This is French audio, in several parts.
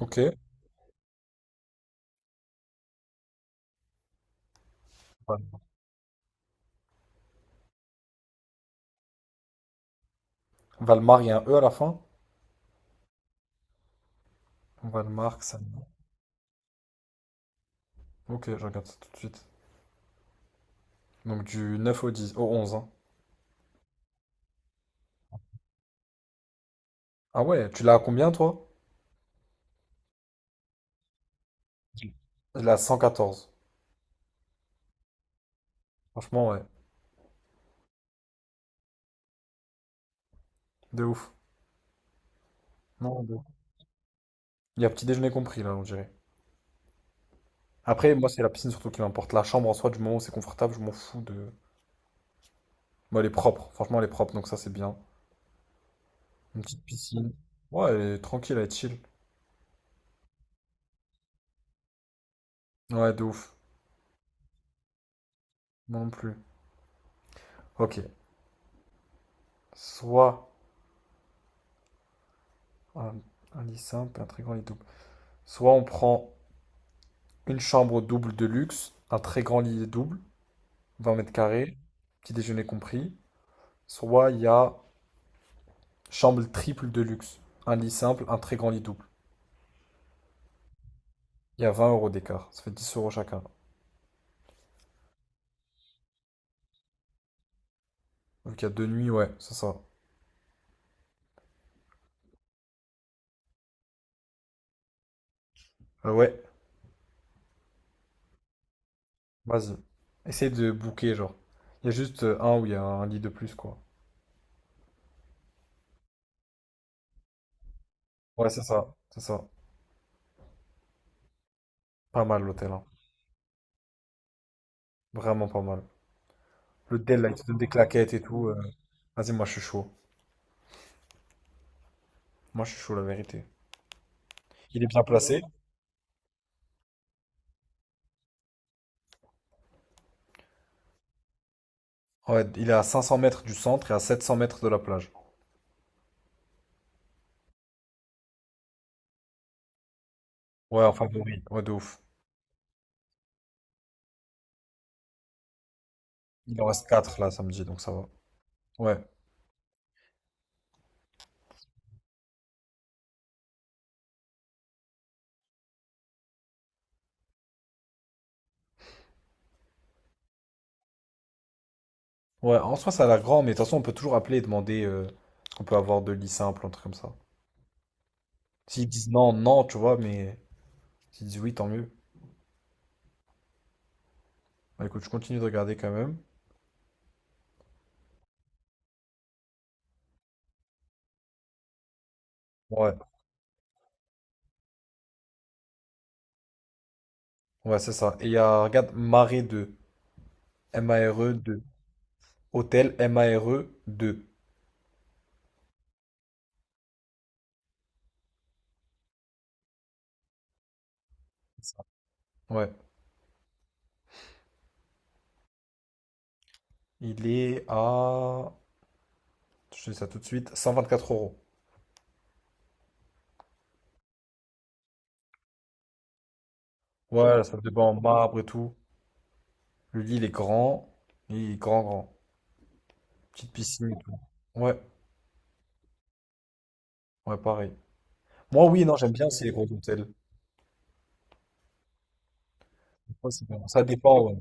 Ok. Val- Valmar, il y a un E à la fin. Valmar, ça. Ok, je regarde ça tout de suite. Donc du 9 au 10, au 11, hein. Ah ouais, tu l'as à combien toi? Je l'ai à 114. Franchement, ouais. De ouf. Non, de ouf. Il y a petit déjeuner compris là, on dirait. Après, moi, c'est la piscine surtout qui m'importe. La chambre en soi, du moment où c'est confortable, je m'en fous de. Moi, elle est propre. Franchement, elle est propre, donc ça, c'est bien. Une petite piscine. Ouais, elle est tranquille, elle est chill. Ouais, de ouf. Moi non plus. Ok. Soit un, un lit simple, un très grand lit double. Soit on prend. Une chambre double de luxe, un très grand lit double, 20 mètres carrés, petit déjeuner compris. Soit il y a chambre triple de luxe, un lit simple, un très grand lit double. Il y a 20 € d'écart, ça fait 10 € chacun. Donc il y a 2 nuits, ouais, c'est ça. Ouais, vas-y. Essaye de booker, genre. Il y a juste un où il y a un lit de plus, quoi. Ouais, c'est ça, c'est ça. Pas mal l'hôtel, hein. Vraiment pas mal. L'hôtel, là, il te donne des claquettes et tout. Vas-y, moi je suis chaud. Moi je suis chaud, la vérité. Il est bien placé. Ouais, il est à 500 mètres du centre et à 700 mètres de la plage. Ouais, en favori. Ouais, de ouf. Il en reste 4 là samedi, donc ça va. Ouais. Ouais, en soi, ça a l'air grand, mais de toute façon, on peut toujours appeler et demander ce qu'on peut avoir de lit simple, un truc comme ça. S'ils disent non, non, tu vois, mais s'ils disent oui, tant mieux. Bah, écoute, je continue de regarder quand même. Ouais, ouais, c'est ça. Et il y a, regarde, Mare 2. Mare 2. Hôtel Mare 2. C'est ça. Ouais. Il est à, je te dis ça tout de suite, 124 euros. Ouais, ça dépend en marbre et tout. Le lit, il est grand. Il est grand, grand. Petite piscine et tout. Ouais, ouais, pareil. Moi, oui, non, j'aime bien aussi les gros hôtels. Des fois, c'est bien. Ça dépend, ouais.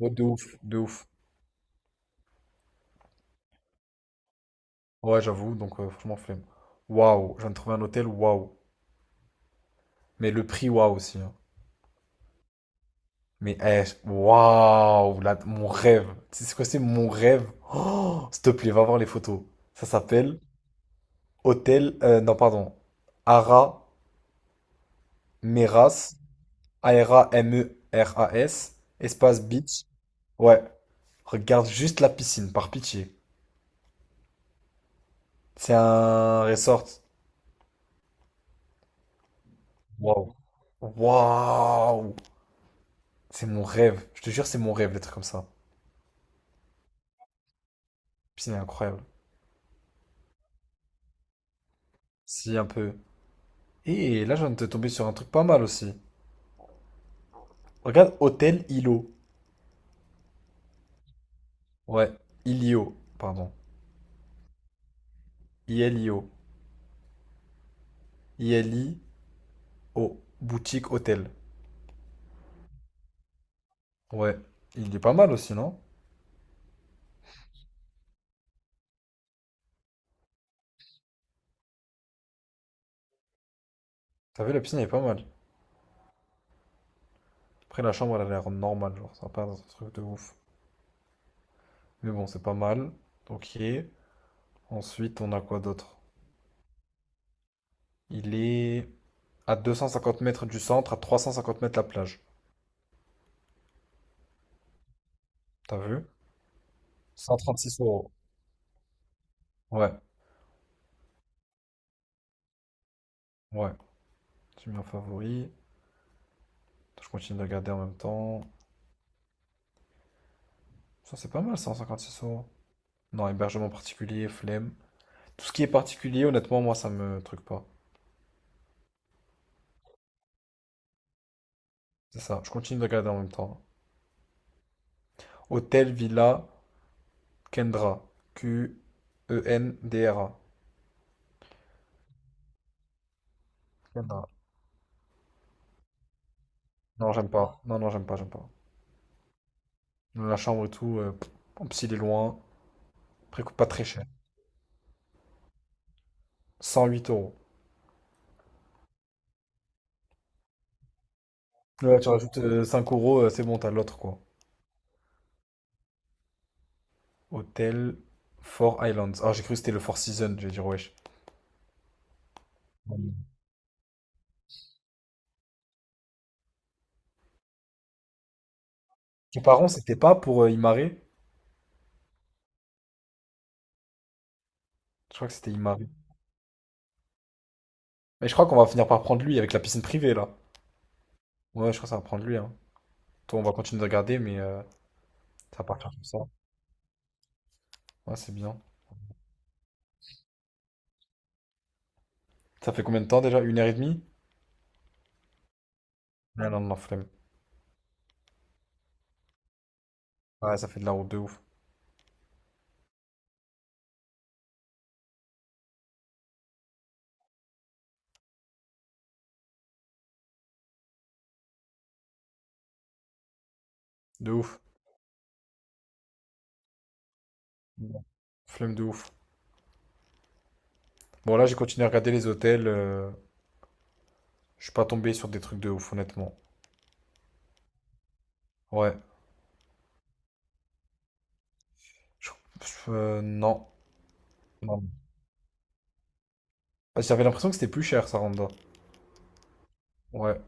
Ouais, de ouf, de ouf. Ouais, j'avoue, donc franchement, flemme. Waouh, je viens de trouver un hôtel, waouh. Mais le prix, waouh aussi, hein. Mais, eh, waouh, là, mon rêve. Tu sais c'est quoi, c'est mon rêve? Oh, s'il te plaît, va voir les photos. Ça s'appelle Hôtel, non, pardon. Ara Meras, Arameras, espace beach. Ouais. Regarde juste la piscine, par pitié. C'est un resort. Waouh. Waouh. C'est mon rêve. Je te jure, c'est mon rêve, d'être comme ça. La piscine est incroyable. Si, un peu. Et là, je viens de te tomber sur un truc pas mal aussi. Regarde, Hôtel Ilo. Ouais, Ilio, pardon. Ilio. Ilio. Boutique hôtel. Ouais. Il est pas mal aussi, non? T'as vu, la piscine elle est pas mal. Après, la chambre, elle a l'air normale, genre, ça va pas être un truc de ouf. Mais bon, c'est pas mal. Ok. Ensuite, on a quoi d'autre? Il est à 250 mètres du centre, à 350 mètres la plage. T'as vu? Cent trente six euros. Ouais, ouais. J'ai mis en favori. Je continue de regarder en même temps. Ça, c'est pas mal, 156 euros. Non, hébergement particulier, flemme. Tout ce qui est particulier, honnêtement, moi, ça me truc pas. C'est ça. Je continue de regarder en même temps. Hôtel Villa Kendra. Qendra. Kendra. Non, j'aime pas. Non, non, j'aime pas, j'aime pas. La chambre et tout, pff, en plus, il est loin. Après, il coûte pas très cher. 108 euros. Ouais, tu rajoutes 5 euros, c'est bon, t'as l'autre quoi. Hôtel Four Islands. Ah, j'ai cru que c'était le Four Seasons, je vais dire wesh. Tes parents, c'était pas pour Imare? Je crois que c'était Imare. Mais je crois qu'on va finir par prendre lui avec la piscine privée là. Ouais, je crois que ça va prendre lui, hein. Toi, on va continuer de regarder, mais ça va partir comme ça. Ouais, c'est bien. Ça fait combien de temps déjà? Une heure et demie? Ouais. Non, non, non, flemme. Ouais, ça fait de la route de ouf. De ouf. Non. Flemme de ouf. Bon, là, j'ai continué à regarder les hôtels. Je suis pas tombé sur des trucs de ouf, honnêtement. Ouais. Je- non. Non. J'avais l'impression que c'était plus cher, Saranda. Ouais.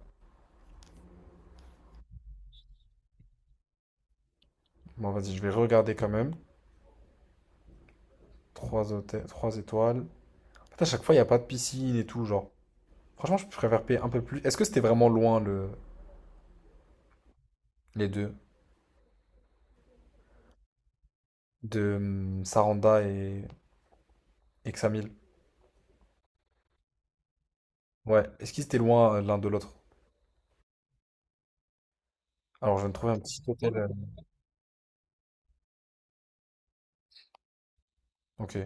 Bon, vas-y, je vais regarder quand même. Trois hôtels, trois étoiles. En à chaque fois, il n'y a pas de piscine et tout, genre. Franchement, je préfère payer un peu plus. Est-ce que c'était vraiment loin, le... les deux? De Saranda et Examil? Ouais. Est-ce qu'ils étaient loin l'un de l'autre? Alors, je viens de trouver un petit hôtel. Ok.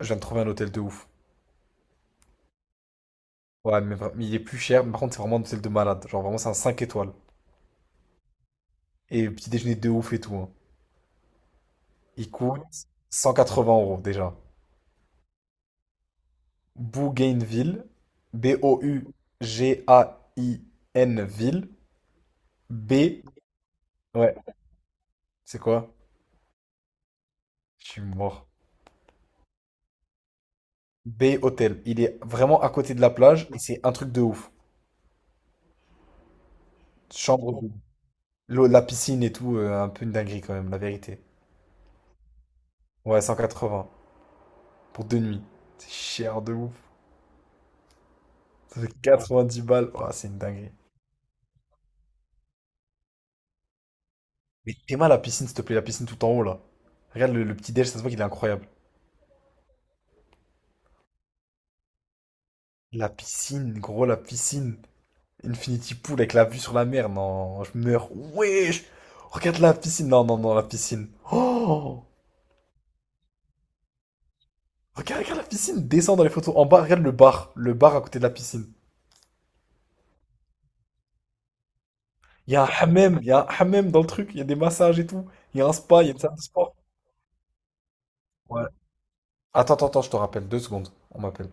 Je viens de trouver un hôtel de ouf. Ouais, mais, mais il est plus cher, mais par contre, c'est vraiment un hôtel de malade. Genre, vraiment, c'est un 5 étoiles. Et petit déjeuner de ouf et tout, hein. Il coûte 180 € déjà. Bougainville, B-O-U-G-A-I-N-Ville, B, ouais, c'est quoi? Je suis mort. B Hôtel. Il est vraiment à côté de la plage et c'est un truc de ouf. Chambre, l'eau, la piscine et tout, un peu une dinguerie quand même, la vérité. Ouais, 180 pour 2 nuits. C'est cher de ouf. Ça fait dix balles. Oh, c'est une dinguerie. Mais t'es mal à la piscine, s'il te plaît, la piscine tout en haut là. Regarde le petit déj, ça se voit qu'il est incroyable. La piscine, gros, la piscine. Infinity Pool avec la vue sur la mer, non, je meurs. Wesh! Regarde la piscine, non, non, non, la piscine. Oh! Regarde, regarde la piscine, descends dans les photos. En bas, regarde le bar à côté de la piscine. Il y a un hammam, il y a un hammam dans le truc, il y a des massages et tout. Il y a un spa, il y a une salle de sport. Ouais. Attends, attends, attends, je te rappelle, 2 secondes, on m'appelle.